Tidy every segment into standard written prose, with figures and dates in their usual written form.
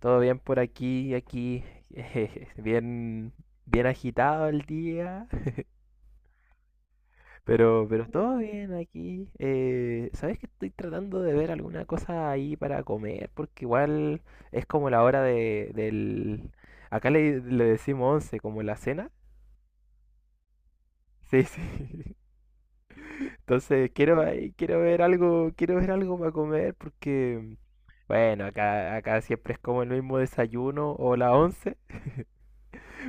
Todo bien por aquí, bien, bien agitado el día, pero todo bien aquí. ¿Sabes que estoy tratando de ver alguna cosa ahí para comer? Porque igual es como la hora del... Acá le decimos 11 como la cena. Sí, sí. Entonces quiero ahí, quiero ver algo para comer porque, bueno, acá siempre es como el mismo desayuno o la 11.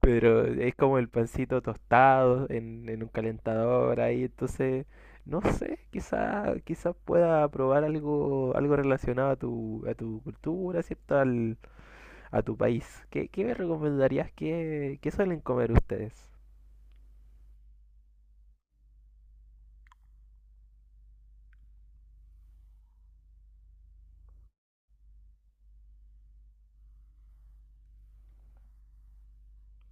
Pero es como el pancito tostado en un calentador ahí, entonces, no sé, quizá pueda probar algo relacionado a a tu cultura, ¿cierto? Al, a tu país. ¿Qué me recomendarías? ¿Qué suelen comer ustedes?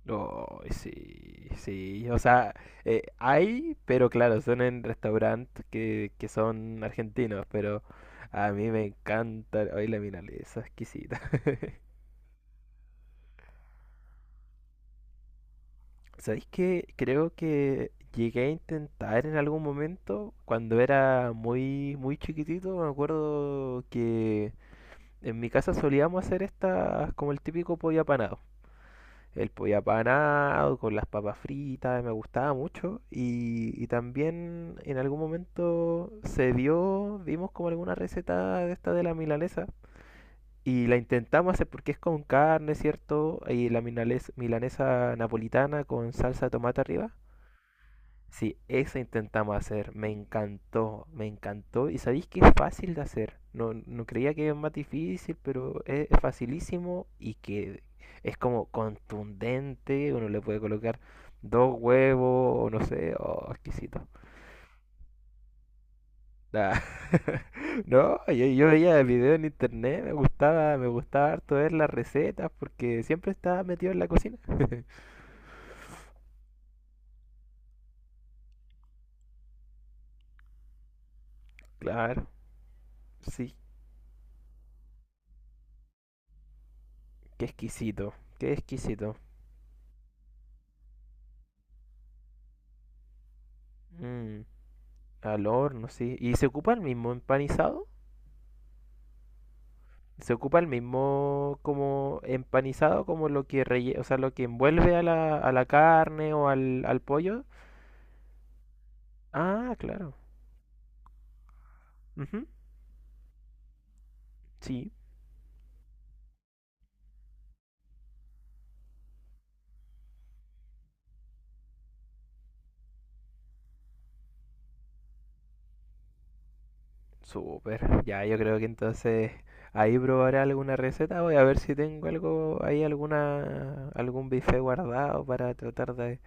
No sí, sí, o sea, hay, pero claro, son en restaurantes que son argentinos, pero a mí me encanta, hoy la milanesa, exquisita. ¿Sabéis qué? Creo que llegué a intentar en algún momento, cuando era muy chiquitito, me acuerdo que en mi casa solíamos hacer estas como el típico pollo apanado. El pollo apanado con las papas fritas, me gustaba mucho. Y también en algún momento se vimos como alguna receta de esta de la milanesa. Y la intentamos hacer porque es con carne, ¿cierto? Y la milanesa napolitana con salsa de tomate arriba. Sí, esa intentamos hacer. Me encantó, me encantó. Y sabéis que es fácil de hacer. No creía que es más difícil, pero es facilísimo y que es como contundente. Uno le puede colocar dos huevos o no sé. Oh, exquisito. Ah, No, yo veía videos en internet, me gustaba harto ver las recetas porque siempre estaba metido en la cocina. Claro, sí, qué exquisito, qué exquisito. Mm. Al horno, sí. ¿Y se ocupa el mismo empanizado? ¿Se ocupa el mismo como empanizado como lo que o sea, lo que envuelve a a la carne o al pollo? Ah, claro. Ujú, Sí, súper. Ya, yo creo que entonces ahí probaré alguna receta. Voy a ver si tengo algo ahí, alguna, algún bife guardado para tratar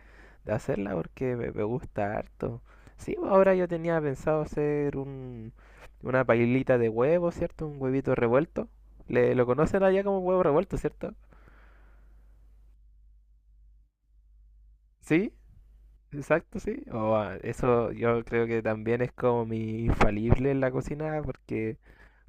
de hacerla porque me gusta harto. Sí, pues, ahora yo tenía pensado hacer un, una pailita de huevo, ¿cierto? Un huevito revuelto. Lo conocen allá como huevo revuelto, ¿cierto? Sí. Exacto, sí. O, ah, eso yo creo que también es como mi infalible en la cocina porque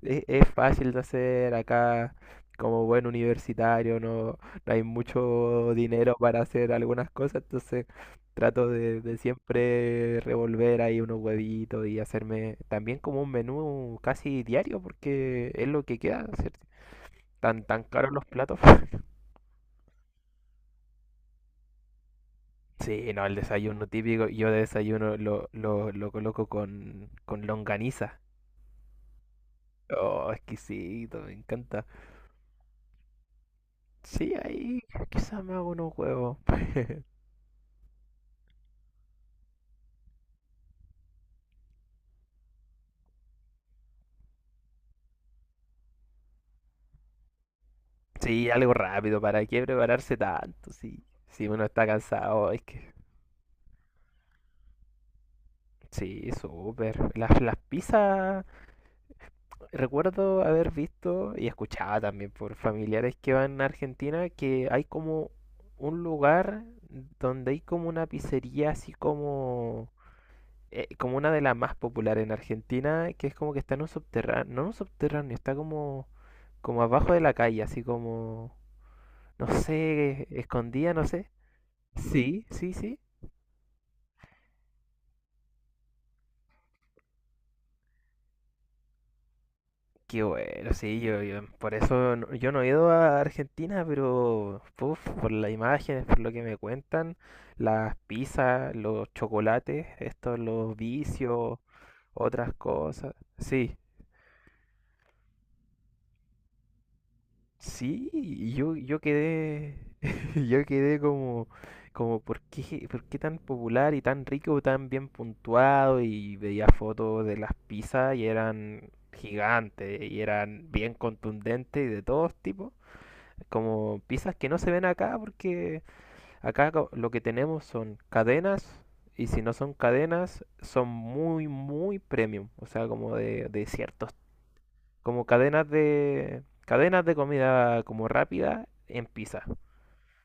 es fácil de hacer acá como buen universitario, no hay mucho dinero para hacer algunas cosas, entonces trato de siempre revolver ahí unos huevitos y hacerme también como un menú casi diario porque es lo que queda, ¿cierto? Tan, tan caros los platos. Sí, no, el desayuno típico. Yo de desayuno lo coloco con longaniza. Oh, exquisito, me encanta. Sí, ahí quizás me hago unos huevos. Sí, algo rápido, ¿para qué prepararse tanto? Sí, si uno está cansado, es que... Sí, súper. Las pizzas, recuerdo haber visto y escuchaba también por familiares que van a Argentina que hay como un lugar donde hay como una pizzería así como como una de las más populares en Argentina, que es como que está en un subterráneo, no en un subterráneo, está como, como abajo de la calle, así como, no sé, escondida, no sé. Sí, sí, sí. Qué bueno, sí, por eso yo no he ido a Argentina, pero puf, por las imágenes, por lo que me cuentan, las pizzas, los chocolates, estos, los vicios, otras cosas. Sí, Sí, y yo quedé, yo quedé como, como ¿por qué tan popular y tan rico, tan bien puntuado? Y veía fotos de las pizzas y eran gigantes y eran bien contundentes y de todos tipos. Como pizzas que no se ven acá porque acá lo que tenemos son cadenas y si no son cadenas son muy premium, o sea, como de cierto como cadenas de comida como rápida en pizza,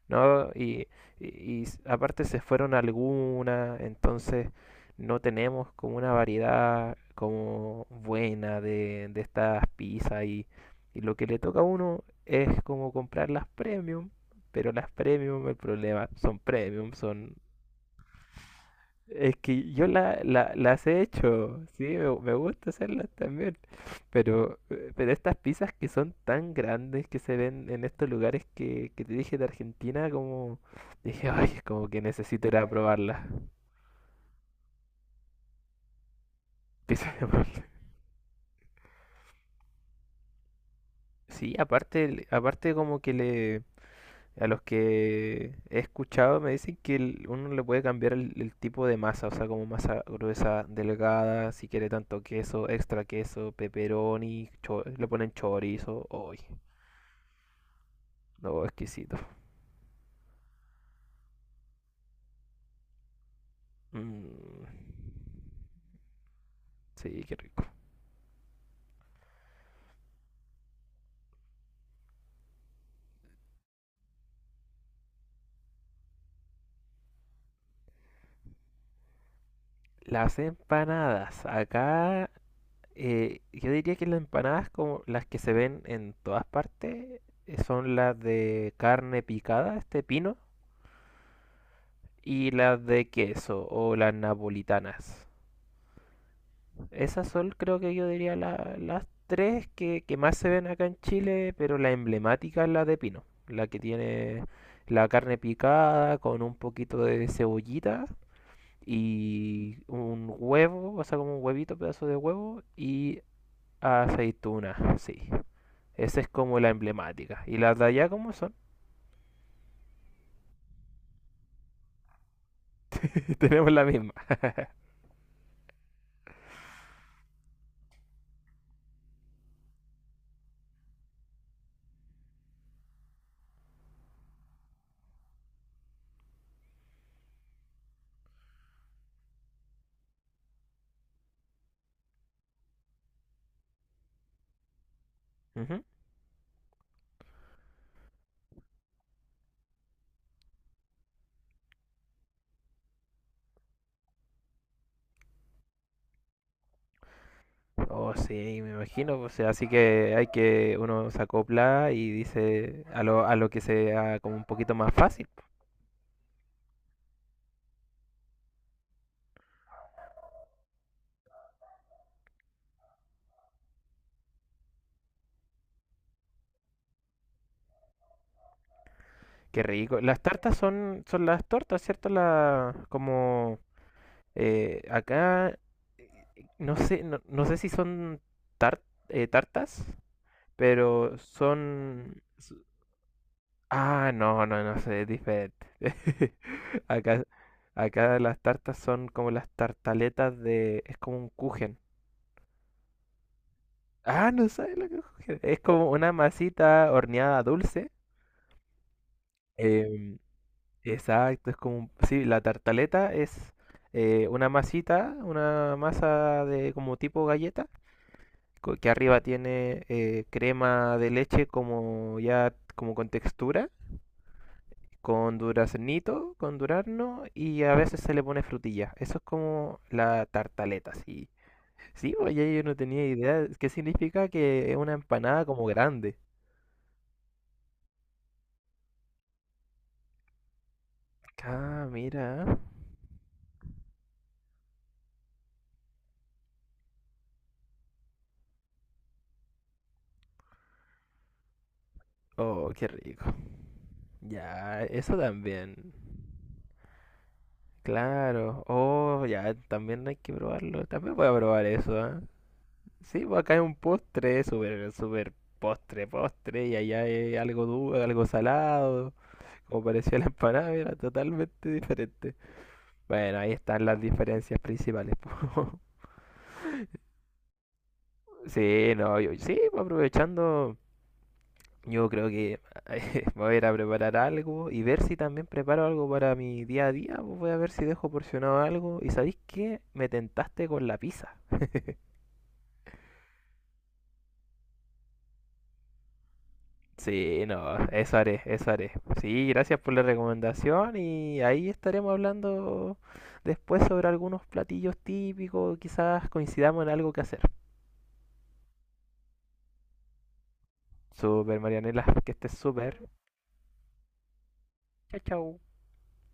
¿no? Y aparte se fueron algunas, entonces no tenemos como una variedad como buena de estas pizzas y lo que le toca a uno es como comprar las premium, pero las premium, el problema son premium, son es que yo las he hecho, sí, me gusta hacerlas también, pero estas pizzas que son tan grandes que se ven en estos lugares que te dije de Argentina, como dije, ay, como que necesito ir a probarlas. Pizza de Marley. Sí, aparte, aparte como que le, A los que he escuchado me dicen que uno le puede cambiar el tipo de masa, o sea, como masa gruesa, delgada, si quiere tanto queso, extra queso, pepperoni, le ponen chorizo. ¡Ay, no, exquisito. Mm, sí, qué rico. Las empanadas. Acá yo diría que las empanadas como las que se ven en todas partes son las de carne picada, este pino, y las de queso o las napolitanas. Esas son, creo que yo diría, las tres que más se ven acá en Chile, pero la emblemática es la de pino, la que tiene la carne picada con un poquito de cebollita y un huevo, o sea, como un huevito, pedazo de huevo y aceituna, sí. Esa es como la emblemática. ¿Y las de allá cómo son? Tenemos la misma. Ujú. Oh, sí, me imagino, o sea, así que hay que uno se acopla y dice a a lo que sea como un poquito más fácil. Qué rico. Las tartas son las tortas, ¿cierto? La, como acá, eh, no sé, no sé si son tar- tartas, pero son... Ah, no sé, es diferente. Acá, acá las tartas son como las tartaletas de... Es como un kuchen. Ah, no sabes lo que es cujera. Es como una masita horneada dulce. em, exacto, es como... Sí, la tartaleta es una masita, una masa de como tipo galleta, que arriba tiene crema de leche como ya como con textura, con duraznito, con durazno y a veces se le pone frutilla. Eso es como la tartaleta, sí. Sí, oye, yo no tenía idea. ¿Qué significa que es una empanada como grande? Ah, mira. Oh, qué rico. Ya, eso también. Claro. Oh, ya, también hay que probarlo. También voy a probar eso, ¿ah? Sí, pues acá es un postre, súper, súper postre, postre, y allá es algo duro, algo salado, como parecía la empanada, era totalmente diferente. Bueno, ahí están las diferencias principales. Po. Sí, no, sí, pues aprovechando. Yo creo que voy a ir a preparar algo y ver si también preparo algo para mi día a día. Pues, Voy a ver si dejo porcionado algo. ¿Y sabéis qué? Me tentaste con la pizza. Sí, no, eso haré, eso haré. Sí, gracias por la recomendación y ahí estaremos hablando después sobre algunos platillos típicos. Quizás coincidamos en algo que hacer. Super Marianela, que estés súper. Chao, chao.